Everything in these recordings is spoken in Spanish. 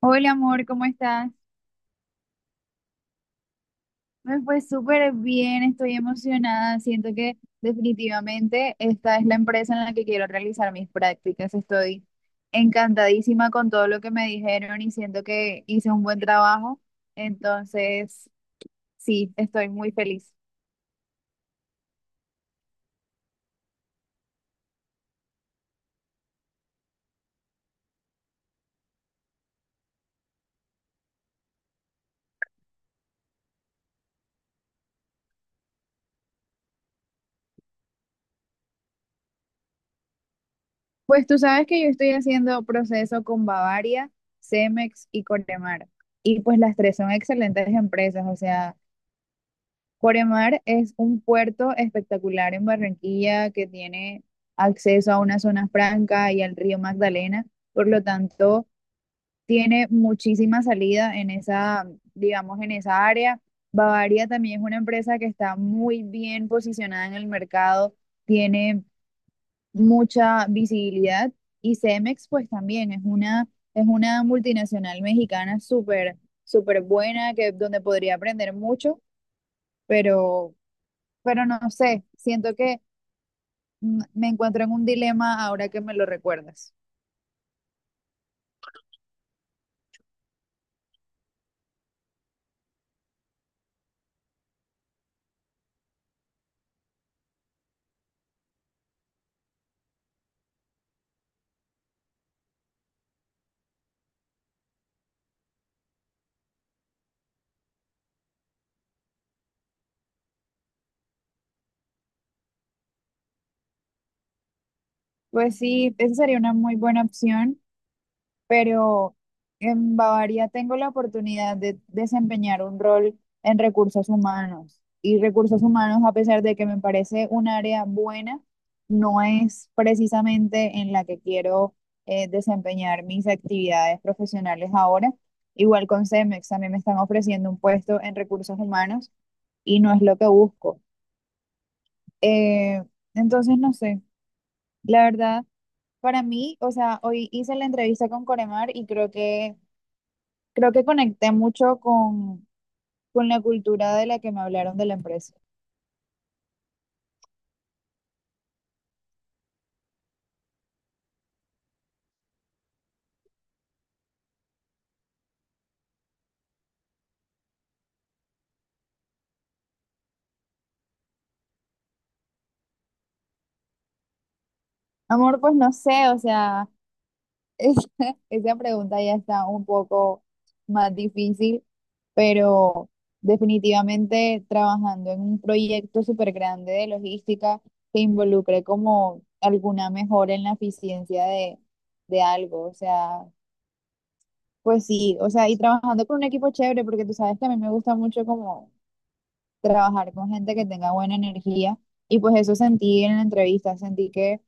Hola amor, ¿cómo estás? Me fue súper bien, estoy emocionada. Siento que definitivamente esta es la empresa en la que quiero realizar mis prácticas. Estoy encantadísima con todo lo que me dijeron y siento que hice un buen trabajo. Entonces, sí, estoy muy feliz. Pues tú sabes que yo estoy haciendo proceso con Bavaria, Cemex y Cortemar. Y pues las tres son excelentes empresas, o sea. Coremar es un puerto espectacular en Barranquilla que tiene acceso a una zona franca y al río Magdalena, por lo tanto tiene muchísima salida en esa, digamos, en esa área. Bavaria también es una empresa que está muy bien posicionada en el mercado, tiene mucha visibilidad, y Cemex pues también es una multinacional mexicana súper, súper buena donde podría aprender mucho, pero no sé, siento que me encuentro en un dilema ahora que me lo recuerdas. Pues sí, esa sería una muy buena opción, pero en Bavaria tengo la oportunidad de desempeñar un rol en recursos humanos. Y recursos humanos, a pesar de que me parece un área buena, no es precisamente en la que quiero desempeñar mis actividades profesionales ahora. Igual con Cemex, también me están ofreciendo un puesto en recursos humanos y no es lo que busco. Eh, entonces, no sé, la verdad, para mí, o sea, hoy hice la entrevista con Coremar y creo que conecté mucho con la cultura de la que me hablaron de la empresa. Amor, pues no sé, o sea, es- esa pregunta ya está un poco más difícil, pero definitivamente trabajando en un proyecto súper grande de logística que involucre como alguna mejora en la eficiencia de algo, o sea. Pues sí, o sea, y trabajando con un equipo chévere, porque tú sabes que a mí me gusta mucho como trabajar con gente que tenga buena energía, y pues eso sentí en la entrevista, sentí que,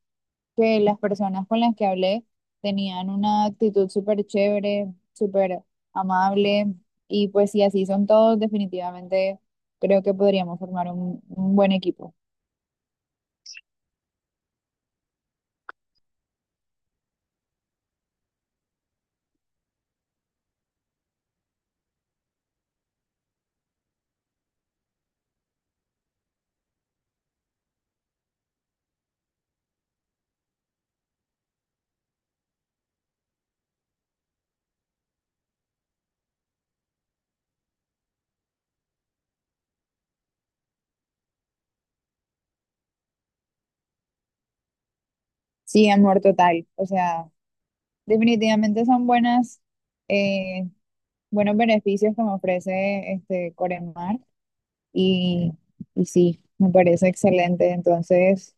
que las personas con las que hablé tenían una actitud súper chévere, súper amable, y pues si así son todos, definitivamente creo que podríamos formar un buen equipo. Sí, amor total, o sea, definitivamente son eh, buenos beneficios que me ofrece este Coremar. Y, y sí, me parece excelente. Entonces,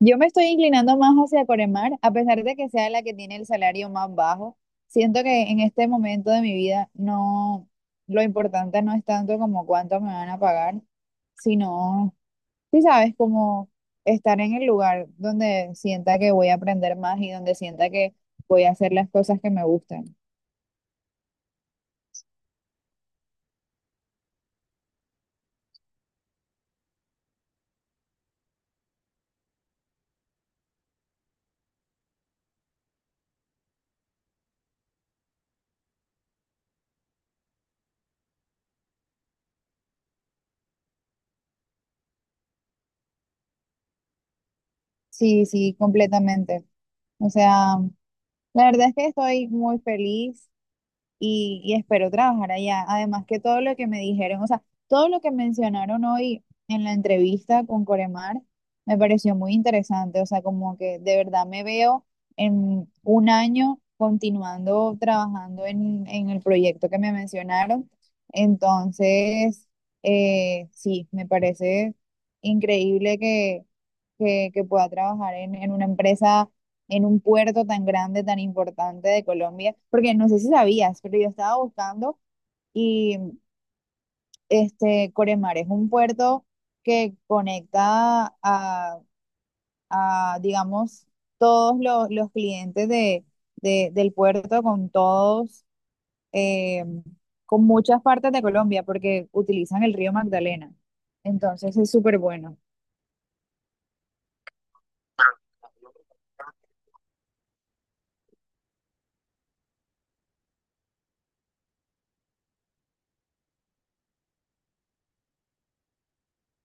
yo me estoy inclinando más hacia Coremar, a pesar de que sea la que tiene el salario más bajo. Siento que en este momento de mi vida no, lo importante no es tanto como cuánto me van a pagar, sino, sí sabes, como estar en el lugar donde sienta que voy a aprender más y donde sienta que voy a hacer las cosas que me gustan. Sí, sí, completamente. O sea, la verdad es que estoy muy feliz. Y espero trabajar allá. Además que todo lo que me dijeron, o sea, todo lo que mencionaron hoy en la entrevista con Coremar me pareció muy interesante, o sea, como que de verdad me veo en un año continuando trabajando en el proyecto que me mencionaron. Entonces, sí, me parece increíble que que pueda trabajar en una empresa, en un puerto tan grande, tan importante de Colombia, porque no sé si sabías, pero yo estaba buscando y este Coremar es un puerto que conecta a, digamos, todos los clientes del puerto eh, con muchas partes de Colombia, porque utilizan el río Magdalena. Entonces es súper bueno.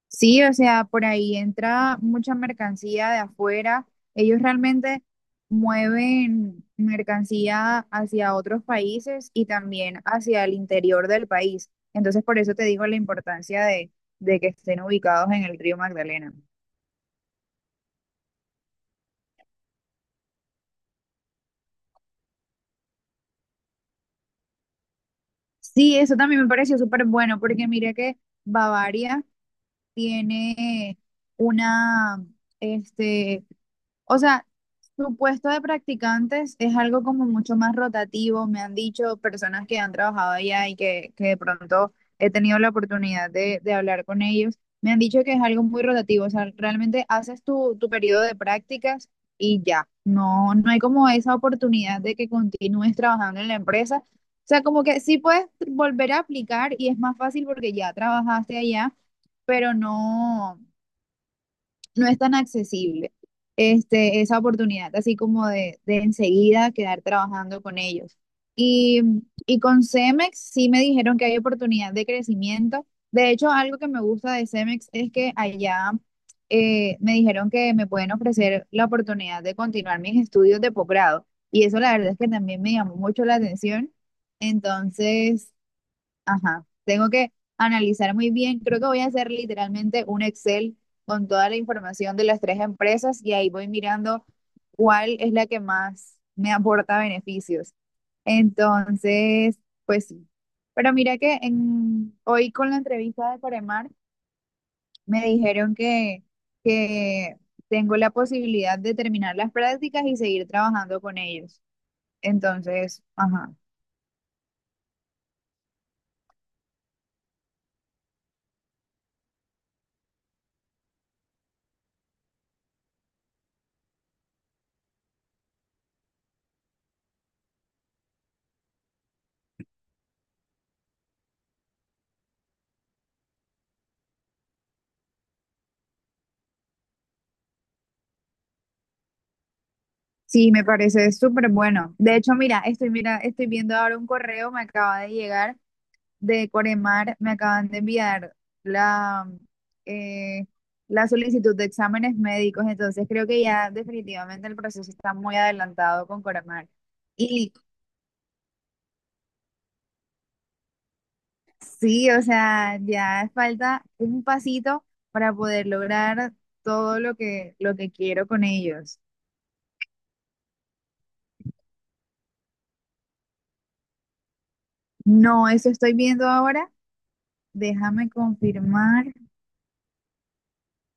Sí, o sea, por ahí entra mucha mercancía de afuera. Ellos realmente mueven mercancía hacia otros países y también hacia el interior del país. Entonces, por eso te digo la importancia de que estén ubicados en el río Magdalena. Sí, eso también me pareció súper bueno porque mira que Bavaria tiene una, este, o sea, su puesto de practicantes es algo como mucho más rotativo. Me han dicho personas que han trabajado allá y que de pronto he tenido la oportunidad de hablar con ellos. Me han dicho que es algo muy rotativo. O sea, realmente haces tu periodo de prácticas y ya. No, no hay como esa oportunidad de que continúes trabajando en la empresa. O sea, como que sí puedes volver a aplicar y es más fácil porque ya trabajaste allá, pero no es tan accesible esa oportunidad, así como de enseguida quedar trabajando con ellos. Y, y con Cemex sí me dijeron que hay oportunidad de crecimiento. De hecho, algo que me gusta de Cemex es que allá me dijeron que me pueden ofrecer la oportunidad de continuar mis estudios de posgrado. Y eso la verdad es que también me llamó mucho la atención. Entonces, ajá, tengo que analizar muy bien. Creo que voy a hacer literalmente un Excel con toda la información de las tres empresas y ahí voy mirando cuál es la que más me aporta beneficios. Entonces, pues sí. Pero mira que hoy con la entrevista de Coremar me dijeron que tengo la posibilidad de terminar las prácticas y seguir trabajando con ellos. Entonces, ajá. Sí, me parece súper bueno. De hecho, mira, estoy viendo ahora un correo, me acaba de llegar de Coremar, me acaban de enviar la, eh, la solicitud de exámenes médicos, entonces creo que ya definitivamente el proceso está muy adelantado con Coremar. Y sí, o sea, ya falta un pasito para poder lograr todo lo que quiero con ellos. No, eso estoy viendo ahora. Déjame confirmar.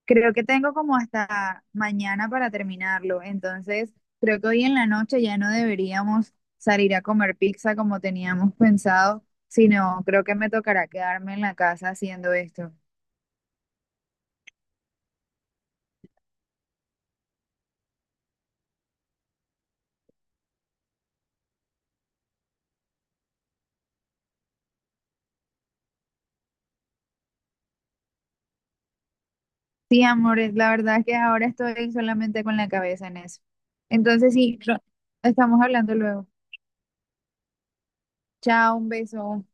Creo que tengo como hasta mañana para terminarlo, entonces creo que hoy en la noche ya no deberíamos salir a comer pizza como teníamos pensado, sino creo que me tocará quedarme en la casa haciendo esto. Sí, amores, la verdad es que ahora estoy solamente con la cabeza en eso. Entonces, sí, estamos hablando luego. Chao, un beso.